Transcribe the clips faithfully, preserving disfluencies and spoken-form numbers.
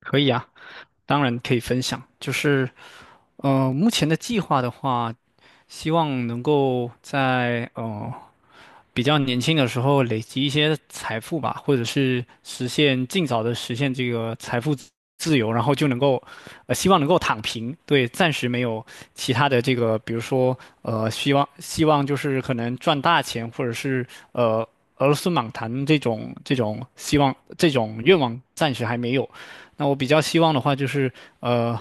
可以啊，当然可以分享。就是，呃，目前的计划的话，希望能够在呃比较年轻的时候累积一些财富吧，或者是实现尽早的实现这个财富自自由，然后就能够，呃，希望能够躺平，对。暂时没有其他的这个，比如说，呃，希望希望就是可能赚大钱，或者是呃俄罗斯满堂这种这种希望这种愿望暂时还没有。那我比较希望的话就是，呃。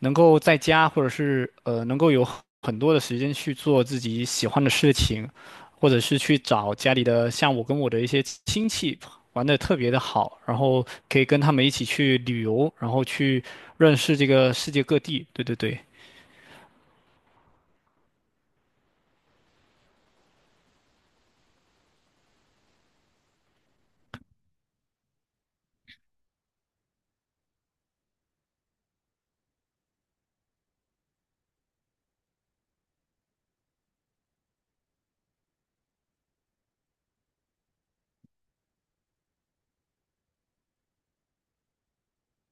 能够在家或者是呃能够有很多的时间去做自己喜欢的事情，或者是去找家里的，像我跟我的一些亲戚玩的特别的好，然后可以跟他们一起去旅游，然后去认识这个世界各地。对对对。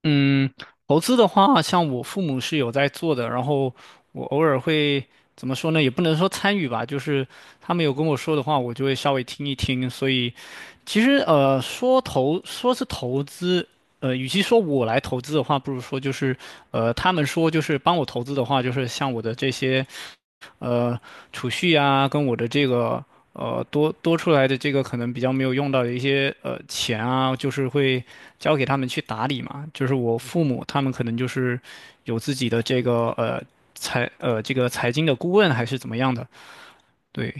嗯，投资的话，像我父母是有在做的，然后我偶尔会怎么说呢？也不能说参与吧，就是他们有跟我说的话，我就会稍微听一听。所以，其实呃，说投说是投资，呃，与其说我来投资的话，不如说就是呃，他们说就是帮我投资的话，就是像我的这些。呃储蓄啊，跟我的这个呃多多出来的这个可能比较没有用到的一些呃钱啊，就是会交给他们去打理嘛。就是我父母他们可能就是有自己的这个呃财呃这个财经的顾问还是怎么样的，对。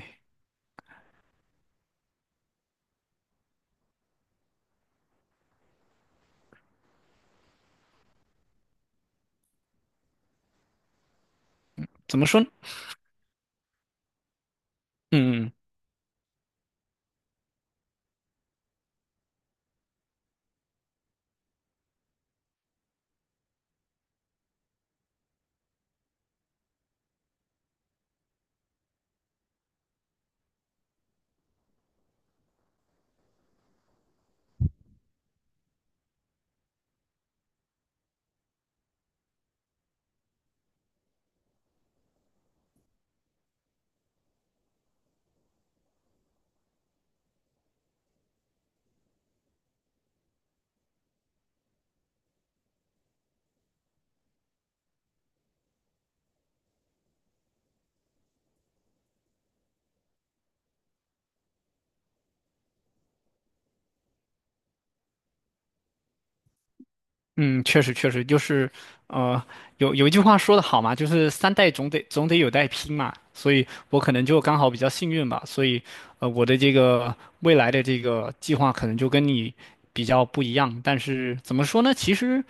怎么说呢？嗯嗯。嗯，确实确实就是，呃，有有一句话说的好嘛，就是三代总得总得有代拼嘛，所以我可能就刚好比较幸运吧。所以，呃，我的这个未来的这个计划可能就跟你比较不一样，但是怎么说呢？其实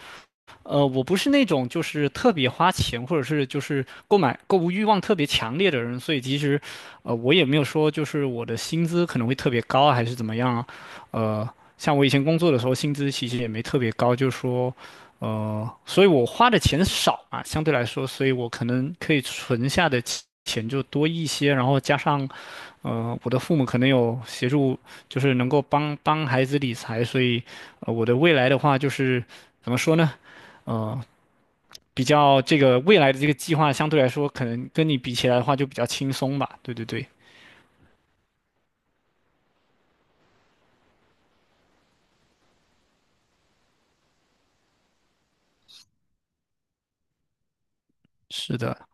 呃，我不是那种就是特别花钱，或者是就是购买购物欲望特别强烈的人，所以其实，呃，我也没有说就是我的薪资可能会特别高啊还是怎么样啊。呃，像我以前工作的时候，薪资其实也没特别高，就是说，呃，所以我花的钱少嘛，相对来说，所以我可能可以存下的钱钱就多一些，然后加上，呃，我的父母可能有协助，就是能够帮帮孩子理财，所以，呃，我的未来的话就是怎么说呢？嗯，比较这个未来的这个计划相对来说，可能跟你比起来的话就比较轻松吧。对对对。是的。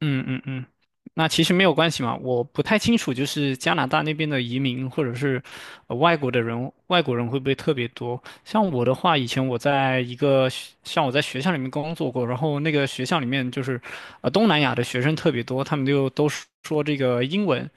嗯嗯嗯，那其实没有关系嘛。我不太清楚，就是加拿大那边的移民或者是呃外国的人，外国人会不会特别多？像我的话，以前我在一个学像我在学校里面工作过，然后那个学校里面就是呃东南亚的学生特别多，他们就都说说这个英文，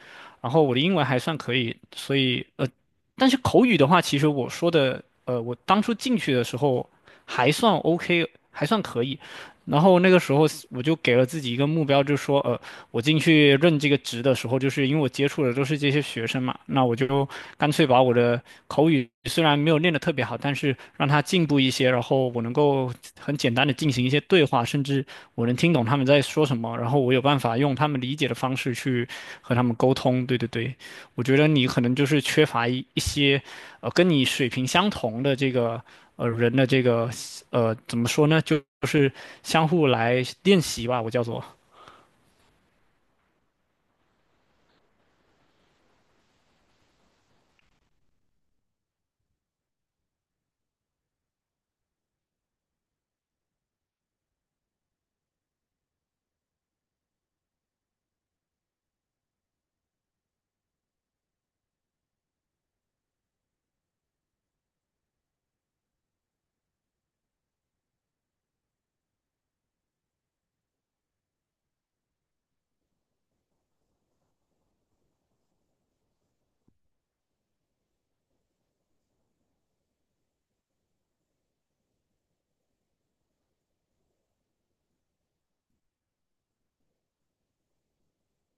然后我的英文还算可以，所以呃，但是口语的话，其实我说的呃，我当初进去的时候还算 O K,还算可以。然后那个时候我就给了自己一个目标，就是说，呃，我进去任这个职的时候，就是因为我接触的都是这些学生嘛，那我就干脆把我的口语虽然没有练得特别好，但是让他进步一些，然后我能够很简单的进行一些对话，甚至我能听懂他们在说什么，然后我有办法用他们理解的方式去和他们沟通。对对对。我觉得你可能就是缺乏一一些，呃，跟你水平相同的这个。呃，人的这个呃，怎么说呢，就就是相互来练习吧，我叫做。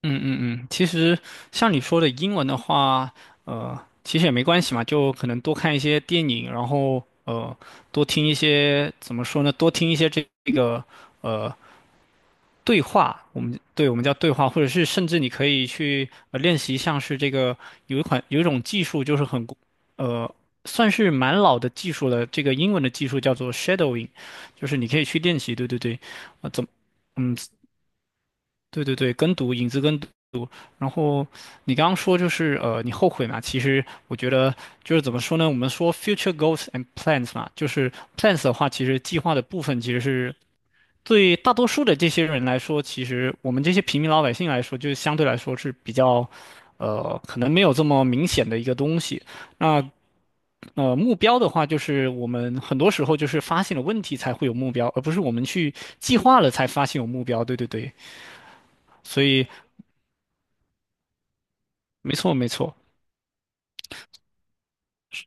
嗯嗯嗯，其实像你说的英文的话，呃，其实也没关系嘛，就可能多看一些电影，然后呃，多听一些，怎么说呢，多听一些这个呃对话，我们对我们叫对话，或者是甚至你可以去呃练习，像是这个有一款有一种技术，就是很呃算是蛮老的技术了，这个英文的技术叫做 shadowing,就是你可以去练习。对对对。啊、怎么嗯。对对对，跟读，影子跟读。然后你刚刚说就是呃你后悔嘛，其实我觉得就是怎么说呢，我们说 future goals and plans 嘛，就是 plans 的话，其实计划的部分其实是对大多数的这些人来说，其实我们这些平民老百姓来说，就是相对来说是比较，呃，可能没有这么明显的一个东西。那呃，目标的话，就是我们很多时候就是发现了问题才会有目标，而不是我们去计划了才发现有目标。对对对。所以没错没错。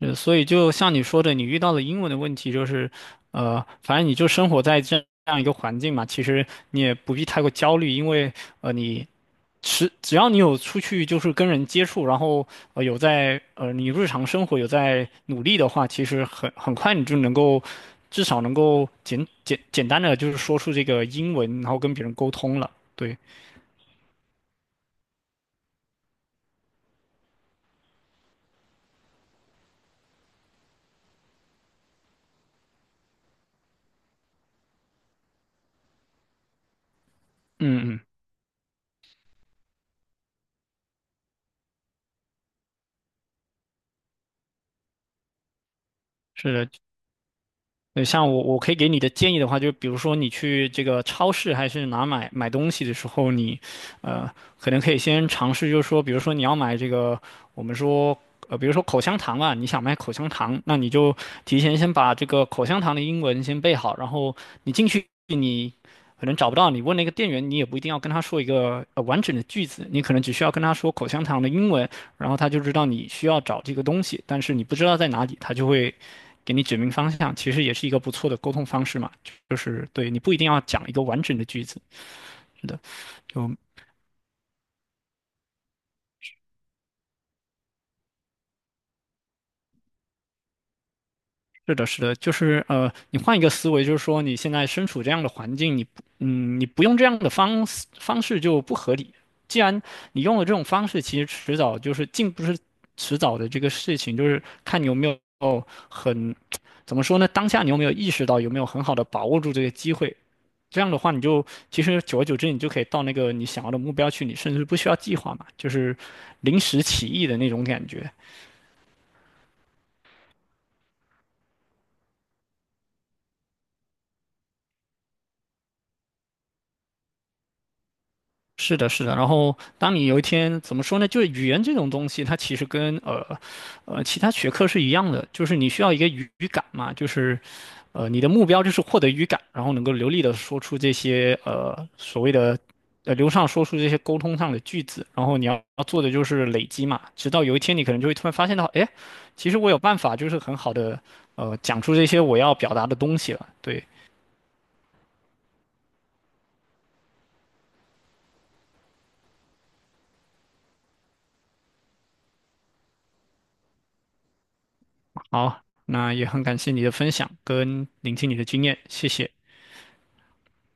呃，所以就像你说的，你遇到了英文的问题就是，呃，反正你就生活在这样一个环境嘛，其实你也不必太过焦虑，因为呃，你是只要你有出去就是跟人接触，然后呃有在呃你日常生活有在努力的话，其实很很快你就能够至少能够简简简单的就是说出这个英文，然后跟别人沟通了。对。嗯嗯。是的。对，像我我可以给你的建议的话，就比如说你去这个超市还是哪买买东西的时候，你呃，可能可以先尝试，就是说，比如说你要买这个，我们说，呃，比如说口香糖啊，你想买口香糖，那你就提前先把这个口香糖的英文先背好，然后你进去你可能找不到，你问那个店员，你也不一定要跟他说一个呃完整的句子，你可能只需要跟他说口香糖的英文，然后他就知道你需要找这个东西，但是你不知道在哪里，他就会。给你指明方向，其实也是一个不错的沟通方式嘛，就是对你不一定要讲一个完整的句子。是的。就是的，是的，就是呃，你换一个思维，就是说你现在身处这样的环境，你不，嗯，你不用这样的方式方式就不合理。既然你用了这种方式，其实迟早就是进不是迟早的这个事情，就是看你有没有很，怎么说呢？当下你有没有意识到，有没有很好的把握住这个机会？这样的话，你就其实久而久之，你就可以到那个你想要的目标去，你甚至不需要计划嘛，就是临时起意的那种感觉。是的，是的。然后，当你有一天怎么说呢？就是语言这种东西，它其实跟呃呃其他学科是一样的，就是你需要一个语语感嘛，就是呃你的目标就是获得语感，然后能够流利的说出这些呃所谓的呃流畅说出这些沟通上的句子。然后你要要做的就是累积嘛，直到有一天你可能就会突然发现到，哎，其实我有办法，就是很好的呃讲出这些我要表达的东西了。对。好，那也很感谢你的分享跟聆听你的经验，谢谢。